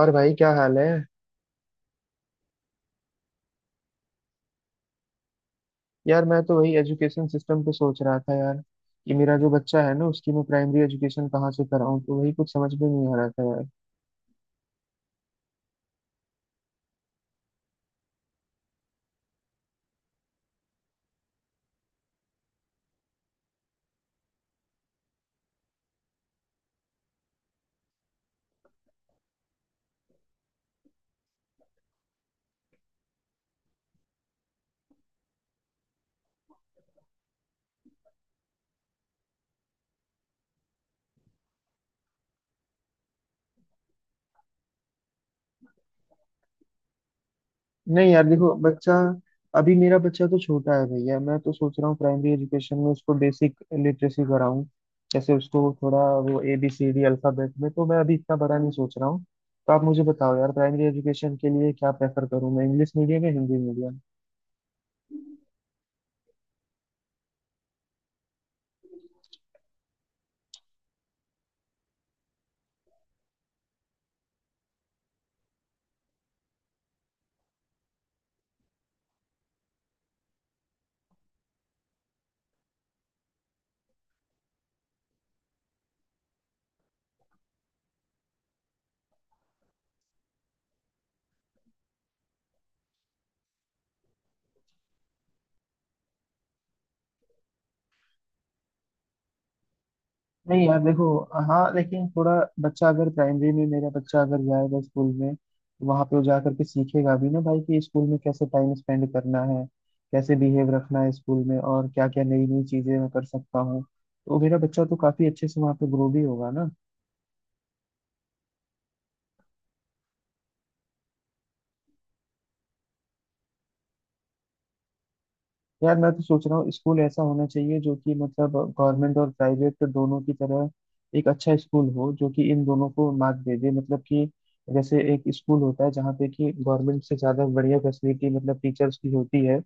और भाई क्या हाल है? यार मैं तो वही एजुकेशन सिस्टम पे सोच रहा था यार कि मेरा जो बच्चा है ना उसकी मैं प्राइमरी एजुकेशन कहाँ से कराऊं, तो वही कुछ समझ में नहीं आ रहा था यार। नहीं यार देखो बच्चा, अभी मेरा बच्चा तो छोटा है भैया। मैं तो सोच रहा हूँ प्राइमरी एजुकेशन में उसको बेसिक लिटरेसी कराऊं। जैसे उसको थोड़ा वो A B C D alphabet में तो मैं अभी इतना बड़ा नहीं सोच रहा हूँ। तो आप मुझे बताओ यार, प्राइमरी एजुकेशन के लिए क्या प्रेफर करूँ मैं, इंग्लिश मीडियम या हिंदी मीडियम? नहीं यार देखो। हाँ लेकिन थोड़ा बच्चा अगर प्राइमरी में, मेरा बच्चा अगर जाएगा स्कूल में तो वहां पे वो जा करके सीखेगा भी ना भाई कि स्कूल में कैसे टाइम स्पेंड करना है, कैसे बिहेव रखना है स्कूल में, और क्या क्या नई नई चीजें मैं कर सकता हूँ। तो मेरा बच्चा तो काफी अच्छे से वहां पे ग्रो भी होगा ना। यार मैं तो सोच रहा हूँ स्कूल ऐसा होना चाहिए जो कि मतलब गवर्नमेंट और प्राइवेट दोनों की तरह एक अच्छा स्कूल हो, जो कि इन दोनों को मात दे दे। मतलब कि जैसे एक स्कूल होता है जहाँ पे कि गवर्नमेंट से ज़्यादा बढ़िया फैसिलिटी मतलब टीचर्स की होती है,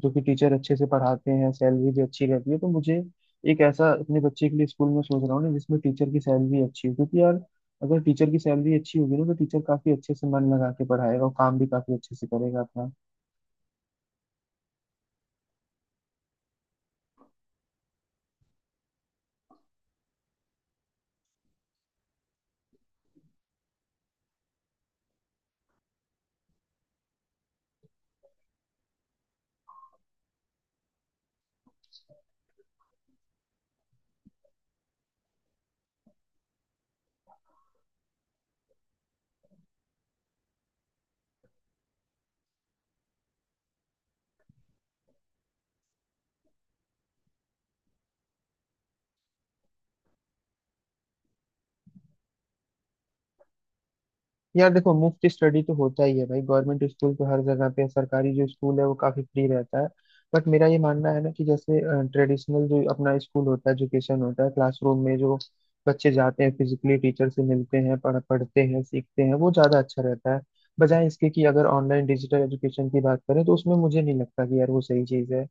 जो कि टीचर अच्छे से पढ़ाते हैं, सैलरी भी अच्छी रहती है। तो मुझे एक ऐसा अपने बच्चे के लिए स्कूल में सोच रहा हूँ ना जिसमें टीचर की सैलरी अच्छी हो, क्योंकि यार अगर टीचर की सैलरी अच्छी होगी ना तो टीचर काफ़ी अच्छे से मन लगा के पढ़ाएगा और काम भी काफ़ी अच्छे से करेगा अपना। यार देखो, मुफ्त स्टडी तो होता ही है भाई, गवर्नमेंट स्कूल तो हर जगह पे है, सरकारी जो स्कूल है वो काफी फ्री रहता है। बट मेरा ये मानना है ना कि जैसे ट्रेडिशनल जो अपना स्कूल होता है, एजुकेशन होता है क्लासरूम में, जो बच्चे जाते हैं फिजिकली टीचर से मिलते हैं, पढ़ते हैं सीखते हैं, वो ज्यादा अच्छा रहता है, बजाय इसके कि अगर ऑनलाइन डिजिटल एजुकेशन की बात करें तो उसमें मुझे नहीं लगता कि यार वो सही चीज है।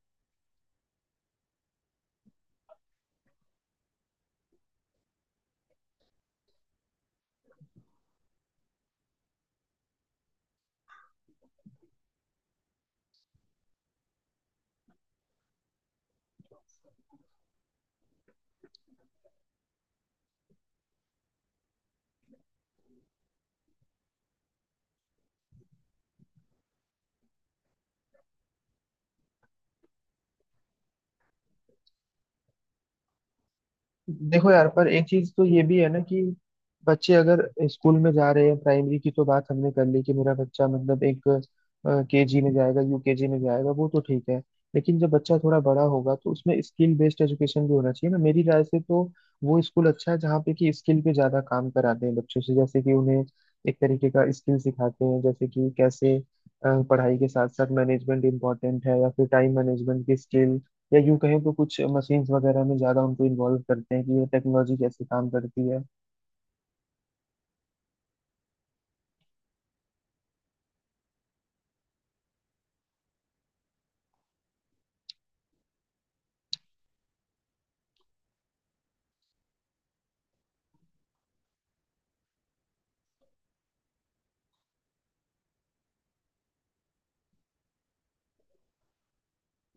देखो यार, पर एक चीज तो ये भी है ना कि बच्चे अगर स्कूल में जा रहे हैं प्राइमरी की, तो बात हमने कर ली कि मेरा बच्चा मतलब एक केजी में जाएगा, यूकेजी में जाएगा, वो तो ठीक है। लेकिन जब बच्चा थोड़ा बड़ा होगा तो उसमें स्किल बेस्ड एजुकेशन भी होना चाहिए ना मेरी राय से। तो वो स्कूल अच्छा है जहाँ पे कि स्किल पे ज्यादा काम कराते हैं बच्चों से, जैसे कि उन्हें एक तरीके का स्किल सिखाते हैं, जैसे कि कैसे पढ़ाई के साथ साथ मैनेजमेंट इम्पोर्टेंट है, या फिर टाइम मैनेजमेंट की स्किल, या यूं कहें तो कुछ मशीन्स वगैरह में ज्यादा उनको इन्वॉल्व करते हैं कि ये टेक्नोलॉजी कैसे काम करती है।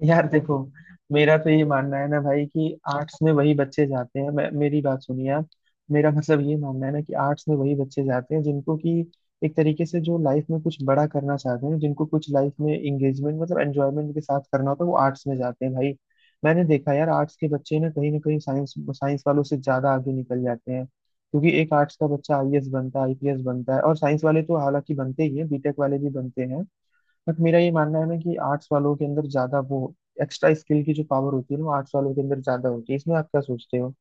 यार देखो, मेरा तो ये मानना है ना भाई कि आर्ट्स में वही बच्चे जाते हैं। मैं, मेरी बात सुनिए आप। मेरा मतलब ये मानना है ना कि आर्ट्स में वही बच्चे जाते हैं जिनको कि एक तरीके से जो लाइफ में कुछ बड़ा करना चाहते हैं, जिनको कुछ लाइफ में इंगेजमेंट मतलब एंजॉयमेंट के साथ करना होता है, वो आर्ट्स में जाते हैं भाई। मैंने देखा यार, आर्ट्स के बच्चे ना कहीं साइंस साइंस वालों से ज्यादा आगे निकल जाते हैं, क्योंकि एक आर्ट्स का बच्चा आईएएस बनता है आईपीएस बनता है, और साइंस वाले तो हालांकि बनते ही हैं, बीटेक वाले भी बनते हैं। बट मेरा ये मानना है ना कि आर्ट्स वालों के अंदर ज्यादा वो एक्स्ट्रा स्किल की जो पावर होती है ना, वो आर्ट्स वालों के अंदर ज्यादा होती है। इसमें आप क्या सोचते हो?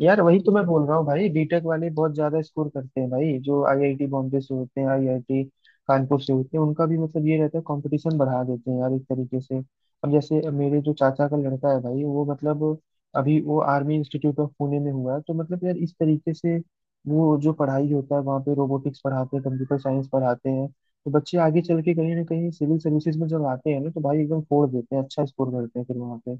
यार वही तो मैं बोल रहा हूँ भाई, बीटेक वाले बहुत ज्यादा स्कोर करते हैं भाई, जो आईआईटी बॉम्बे से होते हैं, आईआईटी कानपुर से होते हैं, उनका भी मतलब ये रहता है, कंपटीशन बढ़ा देते हैं यार एक तरीके से। अब जैसे मेरे जो चाचा का लड़का है भाई, वो मतलब अभी वो आर्मी इंस्टीट्यूट ऑफ पुणे में हुआ है, तो मतलब यार इस तरीके से वो जो पढ़ाई होता है वहाँ पे, रोबोटिक्स पढ़ाते हैं कंप्यूटर साइंस पढ़ाते हैं। तो बच्चे आगे चल के कहीं ना कहीं सिविल सर्विसेज में जब आते हैं ना, तो भाई एकदम फोड़ देते हैं, अच्छा स्कोर करते हैं फिर वहाँ पे।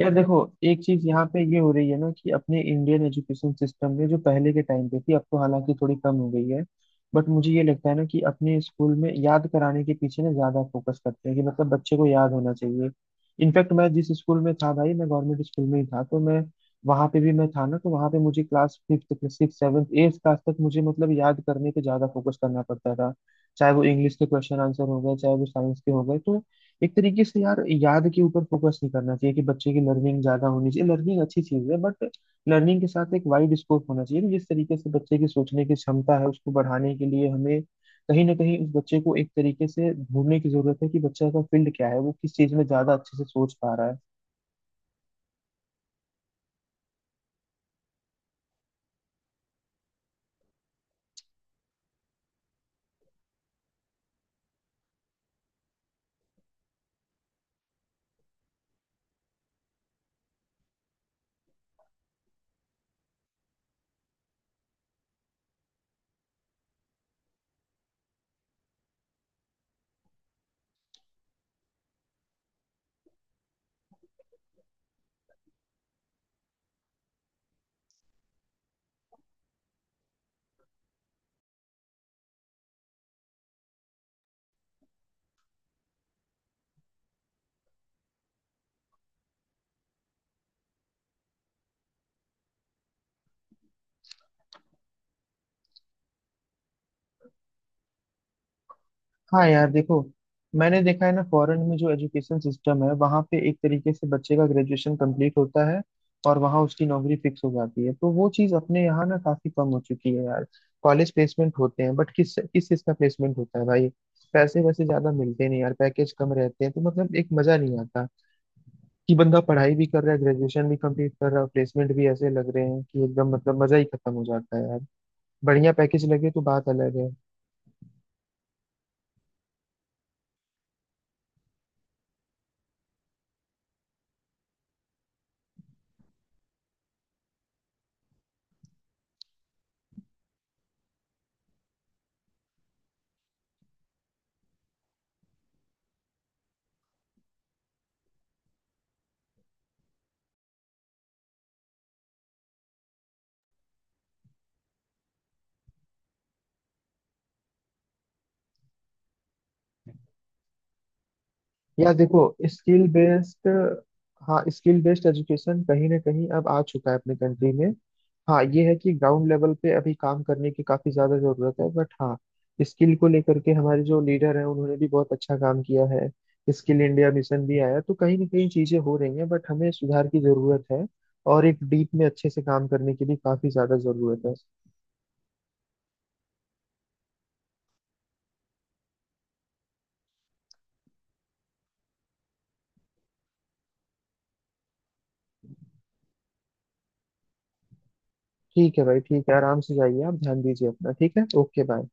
यार देखो, एक चीज यहाँ पे ये हो रही है ना कि अपने इंडियन एजुकेशन सिस्टम में जो पहले के टाइम पे थी, अब तो हालांकि थोड़ी कम हो गई है। बट मुझे ये लगता है ना कि अपने स्कूल में याद कराने के पीछे ना ज्यादा फोकस करते हैं, कि मतलब बच्चे को याद होना चाहिए। इनफैक्ट मैं जिस स्कूल में था भाई, मैं गवर्नमेंट स्कूल में ही था, तो मैं वहां पे भी मैं था ना, तो वहां पे मुझे class fifth six seventh eighth class तक मुझे मतलब याद करने पे ज्यादा फोकस करना पड़ता था, चाहे वो इंग्लिश के क्वेश्चन आंसर हो गए, चाहे वो साइंस के हो गए। तो एक तरीके से यार, याद के ऊपर फोकस नहीं करना चाहिए, कि बच्चे की लर्निंग ज्यादा होनी चाहिए, लर्निंग अच्छी चीज है, बट लर्निंग के साथ एक वाइड स्कोप होना चाहिए। जिस तरीके से बच्चे की सोचने की क्षमता है उसको बढ़ाने के लिए हमें कहीं ना कहीं उस बच्चे को एक तरीके से ढूंढने की जरूरत है कि बच्चे का फील्ड क्या है, वो किस चीज में ज्यादा अच्छे से सोच पा रहा है। हाँ यार देखो, मैंने देखा है ना, फॉरेन में जो एजुकेशन सिस्टम है वहाँ पे एक तरीके से बच्चे का ग्रेजुएशन कंप्लीट होता है और वहाँ उसकी नौकरी फिक्स हो जाती है। तो वो चीज़ अपने यहाँ ना काफी कम हो चुकी है यार। कॉलेज प्लेसमेंट होते हैं, बट किस किस चीज़ का प्लेसमेंट होता है भाई, पैसे वैसे ज्यादा मिलते नहीं यार, पैकेज कम रहते हैं, तो मतलब एक मजा नहीं आता कि बंदा पढ़ाई भी कर रहा है, ग्रेजुएशन भी कंप्लीट कर रहा है, प्लेसमेंट भी ऐसे लग रहे हैं कि एकदम मतलब मजा ही खत्म हो जाता है यार। बढ़िया पैकेज लगे तो बात अलग है। या देखो, स्किल बेस्ड, हाँ स्किल बेस्ड एजुकेशन कहीं ना कहीं अब आ चुका है अपने कंट्री में। हाँ ये है कि ग्राउंड लेवल पे अभी काम करने की काफी ज्यादा जरूरत है, बट हाँ स्किल को लेकर के हमारे जो लीडर हैं उन्होंने भी बहुत अच्छा काम किया है। स्किल इंडिया मिशन भी आया, तो कहीं ना कहीं चीजें हो रही हैं, बट हमें सुधार की जरूरत है और एक डीप में अच्छे से काम करने की भी काफी ज्यादा जरूरत है। ठीक है भाई, ठीक है आराम से जाइए आप, ध्यान दीजिए अपना। ठीक है, ओके बाय।